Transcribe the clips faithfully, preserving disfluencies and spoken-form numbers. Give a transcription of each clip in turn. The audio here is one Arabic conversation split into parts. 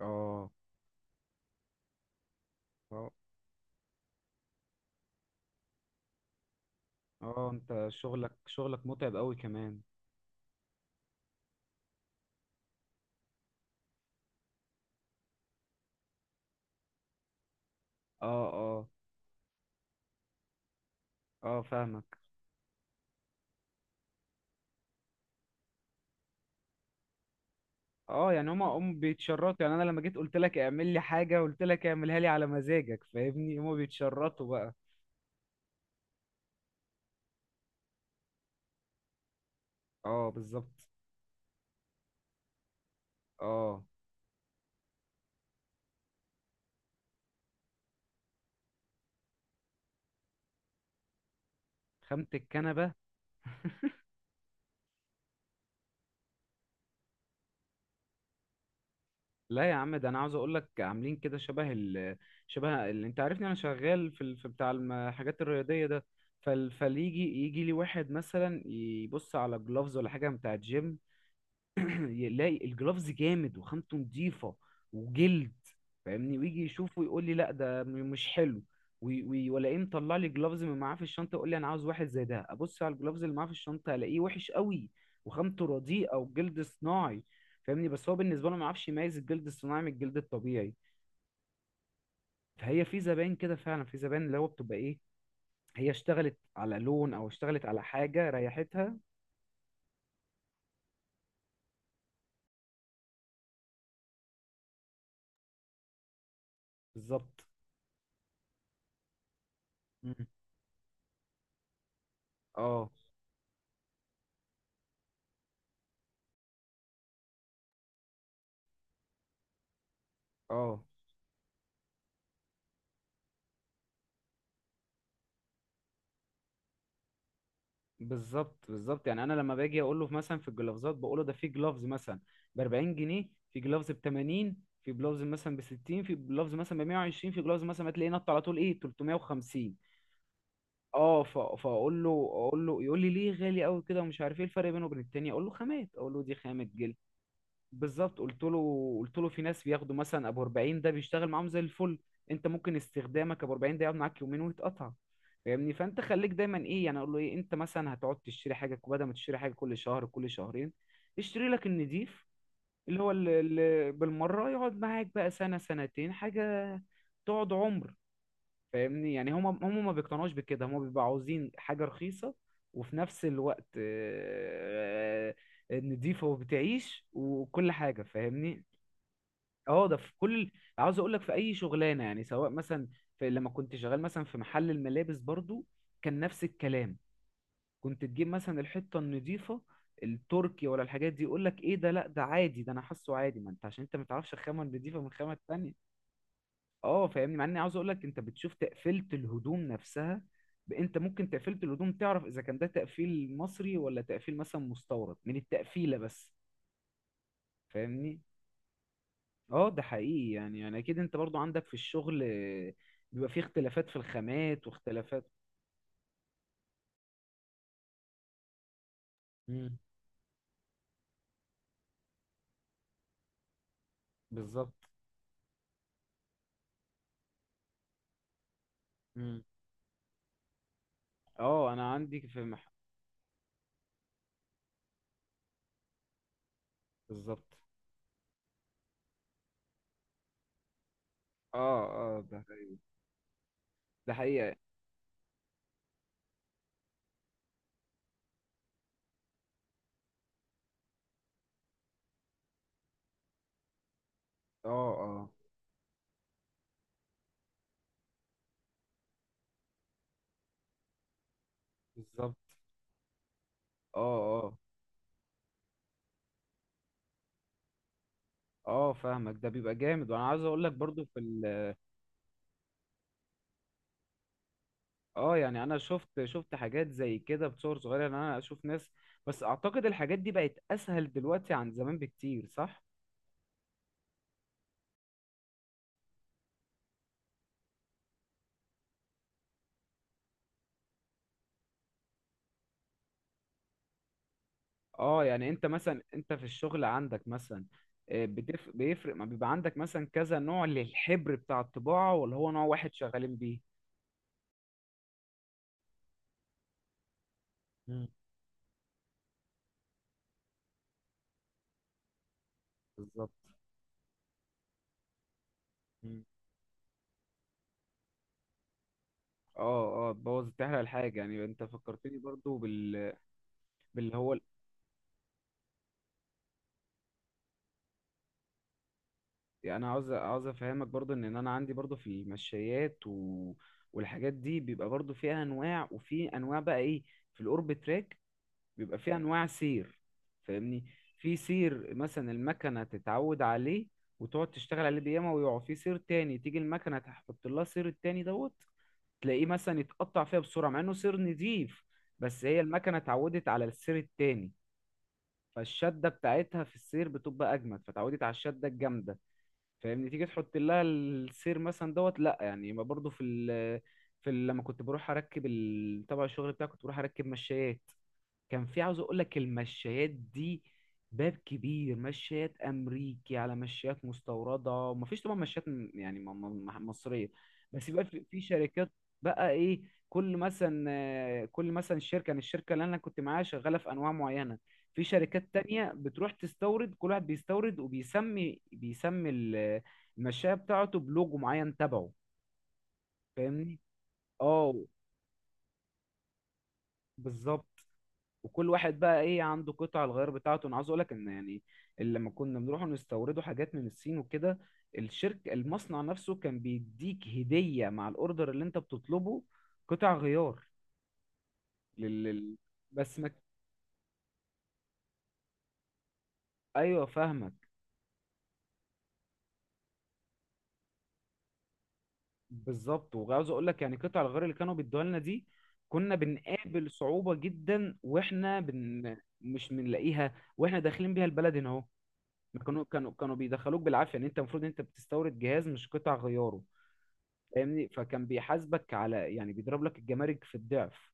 اه، اه، اه، انت شغلك شغلك متعب قوي كمان. اه، اه، اه، فاهمك. اه، يعني هما هم بيتشرطوا. يعني انا لما جيت قلت لك اعمل لي حاجه، قلت لك اعملها لي على مزاجك، فاهمني؟ هما بيتشرطوا بقى. اه، بالظبط. اه، خامة الكنبه. لا يا عم، ده انا عاوز اقول لك عاملين كده شبه ال شبه اللي انت عارفني انا شغال في ال... في بتاع الم- الحاجات الرياضيه ده. فال... فليجي يجي لي واحد مثلا يبص على جلوفز ولا حاجه بتاع جيم، يلاقي الجرافز جامد وخامته نضيفة وجلد. فاهمني؟ ويجي يشوفه يقول لي لا ده م- مش حلو. وي- وي- ولاقيه مطلع لي جلافز من معاه في الشنطة، يقول لي انا عاوز واحد زي ده. ابص على الجلافز اللي معاه في الشنطة، الاقيه وحش قوي وخامته رديئة وجلد صناعي. فاهمني؟ بس هو بالنسبة له ما يعرفش يميز الجلد الصناعي من الجلد الطبيعي. فهي في زباين كده فعلا، في زباين اللي هو بتبقى ايه، هي اشتغلت على لون او اشتغلت على حاجة ريحتها. بالظبط. مم. اه، اه، بالظبط، بالظبط. يعني انا لما باجي اقول له مثلا في الجلافزات، بقول له ده في جلافز مثلا ب أربعين جنيه، في جلافز ب تمانين، في جلافز مثلا ب ستين، في جلافز مثلا ب مية وعشرين، في جلافز مثلا هتلاقيه نط على طول ايه تلتمية وخمسين. اه، ف- فاقول له، اقول له يقول لي ليه غالي قوي كده ومش عارف ايه الفرق بينه وبين التاني. اقول له خامات، اقول له دي خامة جلد. بالظبط. قلت له قلت له في ناس بياخدوا مثلا ابو أربعين ده، بيشتغل معاهم زي الفل. انت ممكن استخدامك ابو أربعين ده يقعد معاك يومين ويتقطع. فاهمني؟ فانت خليك دايما ايه، يعني اقول له ايه، انت مثلا هتقعد تشتري حاجه، بدل ما تشتري حاجه كل شهر كل شهرين، اشتري لك النضيف اللي هو اللي بالمره، يقعد معاك بقى سنه سنتين حاجه، تقعد عمر. فاهمني؟ يعني هم هم ما بيقتنعوش بكده، هم بيبقوا عاوزين حاجة رخيصة وفي نفس الوقت آه، آه، نضيفة وبتعيش وكل حاجة. فاهمني؟ اه، ده في كل، عاوز اقول لك في اي شغلانة، يعني سواء مثلا في لما كنت شغال مثلا في محل الملابس برضو، كان نفس الكلام. كنت تجيب مثلا الحتة النضيفة، التركي ولا الحاجات دي، يقول لك ايه ده، لا ده عادي، ده انا حاسه عادي. ما انت عشان انت ما تعرفش الخامة النضيفة من الخامة التانية. اه، فاهمني؟ مع اني عاوز اقول لك انت بتشوف تقفيله الهدوم نفسها، ب- انت ممكن تقفيله الهدوم تعرف اذا كان ده تقفيل مصري ولا تقفيل مثلا مستورد، من التقفيله بس. فاهمني؟ اه، ده حقيقي. يعني يعني اكيد انت برضو عندك في الشغل آه، بيبقى فيه اختلافات في الخامات واختلافات. امم. بالظبط. امم. اه، انا عندي في مح... بالظبط. اه، اه، ده ده حقيقة. اه، اه، بالظبط. اه، اه، اه، فاهمك. ده بيبقى جامد، وانا عاوز اقول لك برضو في ال... اه، يعني انا شفت شفت حاجات زي كده بصور صغيره، ان انا اشوف ناس. بس اعتقد الحاجات دي بقت اسهل دلوقتي عن زمان بكتير، صح؟ اه، يعني انت مثلا انت في الشغل عندك مثلا آه، بتف... بيفرق ما بيبقى عندك مثلا كذا نوع للحبر بتاع الطباعه، ولا هو نوع واحد شغالين بيه؟ مم. بالظبط. مم. اه، اه، بوظ، تحرق الحاجه. يعني انت فكرتني برضو بال... باللي هو، يعني انا عاوز عاوز افهمك برضو ان انا عندي برضو في المشايات و... والحاجات دي، بيبقى برضو فيها انواع، وفي انواع بقى ايه، في الاورب تراك بيبقى فيها انواع سير. فاهمني؟ في سير مثلا المكنه تتعود عليه وتقعد تشتغل عليه بياما، ويقع. في سير تاني تيجي المكنه تحط لها سير التاني دوت، تلاقيه مثلا يتقطع فيها بسرعه مع انه سير نضيف. بس هي المكنه اتعودت على السير التاني، فالشده بتاعتها في السير بتبقى اجمد، فتعودت على الشده الجامده. فاهمني؟ تيجي تحط لها السير مثلا دوت لا، يعني ما برضو في ال في ال- لما كنت بروح اركب ال... تبع الشغل بتاعي، كنت بروح اركب مشايات. كان في، عاوز اقول لك، المشايات دي باب كبير، مشايات امريكي على مشايات مستورده، ومفيش طبعا مشايات م- يعني م- م- مصريه. بس يبقى في في شركات بقى ايه. كل مثلا آه، كل مثلا شركه، يعني الشركه اللي انا كنت معاها شغاله في انواع معينه، في شركات تانية بتروح تستورد، كل واحد بيستورد وبيسمي، بيسمي ال- المشاية بتاعته بلوجو معين تبعه. فاهمني؟ اه، بالظبط. وكل واحد بقى ايه عنده قطع الغيار بتاعته. انا عاوز اقول لك ان يعني، اللي لما كنا بنروح نستوردوا حاجات من الصين وكده، الشركه، المصنع نفسه كان بيديك هديه مع الاوردر اللي انت بتطلبه، قطع غيار لل... لل- بس ما... ايوه، فاهمك. بالظبط. وعاوز اقول لك يعني قطع الغيار اللي كانوا بيدوها لنا دي، كنا بنقابل صعوبه جدا، واحنا بن... مش بنلاقيها واحنا داخلين بيها البلد هنا اهو. ما كانوا كانوا كانوا بيدخلوك بالعافيه. يعني انت المفروض انت بتستورد جهاز مش قطع غياره. فاهمني؟ فكان بيحاسبك على، يعني بيضرب لك الجمارك في الضعف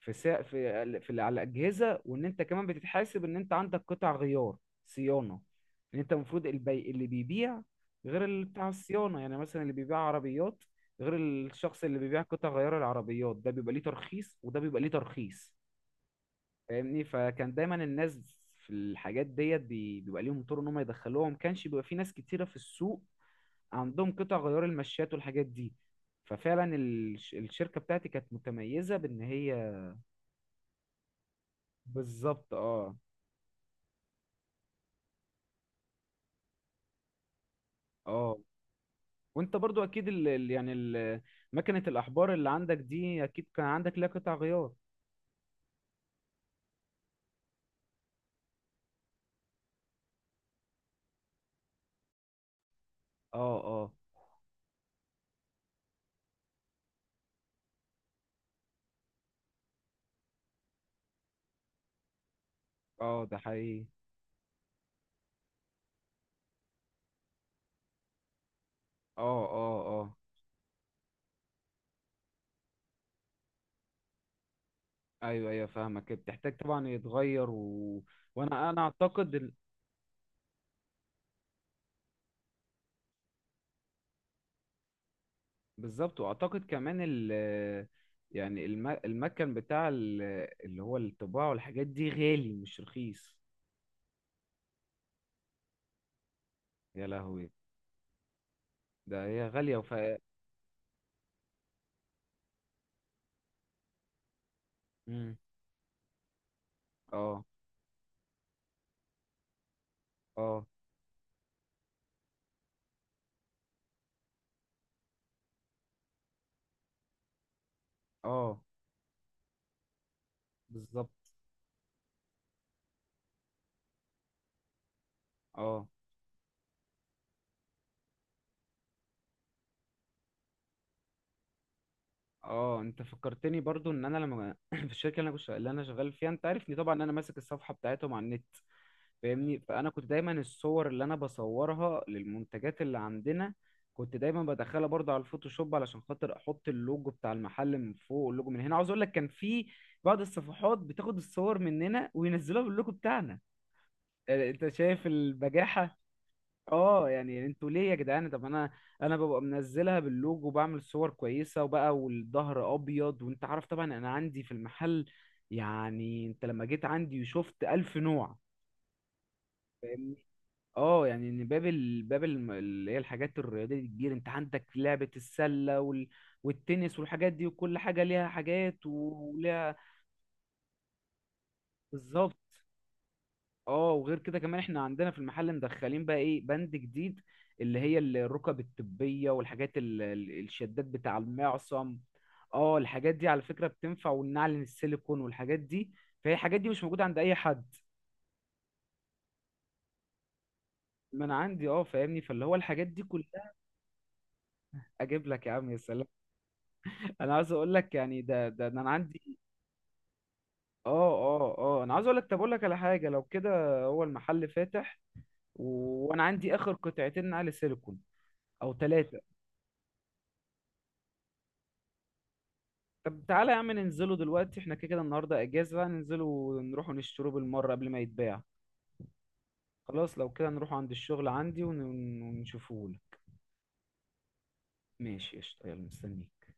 في سا... في ال- في ال- على الاجهزه، وان انت كمان بتتحاسب ان انت عندك قطع غيار صيانه، ان انت المفروض البي... اللي بيبيع غير اللي بتاع الصيانه. يعني مثلا اللي بيبيع عربيات غير الشخص اللي بيبيع قطع غيار العربيات، ده بيبقى ليه ترخيص وده بيبقى ليه ترخيص. فاهمني؟ فكان دايما الناس في الحاجات ديت بي- بيبقى ليهم طرق ان هم يدخلوها، وما كانش بيبقى في ناس كتيره في السوق عندهم قطع غيار المشات والحاجات دي. ففعلا الش- الشركة بتاعتي كانت متميزة بان هي. بالظبط. اه، اه، وانت برضو اكيد ال... ال- يعني ال... مكنة الاحبار اللي عندك دي، اكيد كان عندك لها قطع غيار. اه، اه، اه، ده حقيقي. اه، اه، اه، ايوه، ايوه، فاهمك. بتحتاج طبعا يتغير و... وانا انا اعتقد ال- بالظبط. واعتقد كمان ال... يعني الم... المكن بتاع ال... اللي هو الطباعة والحاجات دي، غالي مش رخيص. يا لهوي، ده هي غالية وف مم. اه، اه، اه، بالظبط. اه، اه، انت فكرتني برضو ان انا لما في الشركة اللي انا كنت اللي انا شغال فيها، انت عارفني طبعا، إن انا ماسك الصفحة بتاعتهم على النت. فاهمني؟ فانا كنت دايما الصور اللي انا بصورها للمنتجات اللي عندنا، كنت دايما بدخلها برضو على الفوتوشوب علشان خاطر احط اللوجو بتاع المحل من فوق. اللوجو من هنا، عاوز اقول لك كان في بعض الصفحات بتاخد الصور مننا وينزلوها باللوجو بتاعنا. آه، انت شايف البجاحة؟ اه، يعني انتوا ليه يا جدعان؟ طب انا انا ببقى منزلها باللوجو، وبعمل صور كويسه وبقى والظهر ابيض، وانت عارف طبعا انا عندي في المحل، يعني انت لما جيت عندي وشفت الف نوع. فاهمني؟ اه، يعني ان باب ال... باب الم- اللي هي الحاجات الرياضيه دي كتير. انت عندك لعبه السله وال... والتنس والحاجات دي، وكل حاجه ليها حاجات وليها. بالظبط. اه، وغير كده كمان احنا عندنا في المحل مدخلين بقى ايه بند جديد، اللي هي ال- الركب الطبية والحاجات ال- ال- الشدات بتاع المعصم. اه، الحاجات دي على فكرة بتنفع، والنعل السيليكون والحاجات دي. فهي الحاجات دي مش موجودة عند اي حد. ما انا عندي. اه، فاهمني؟ فاللي هو الحاجات دي كلها. اجيب لك يا عم، يا سلام! انا عاوز اقول لك يعني ده ده ده انا عندي. اه، اه، اه، انا عاوز اقول لك. طب اقول لك على حاجة لو كده، هو المحل فاتح؟ و... وانا عندي اخر قطعتين نعل سيليكون او ثلاثة. طب تعالى يا عم ننزله دلوقتي، احنا كده كده النهارده اجازه بقى، ننزله ونروح نشتروه بالمره قبل ما يتباع. خلاص لو كده نروح عند الشغل عندي ون- ونشوفه. ماشي، قشطه، يلا مستنيك.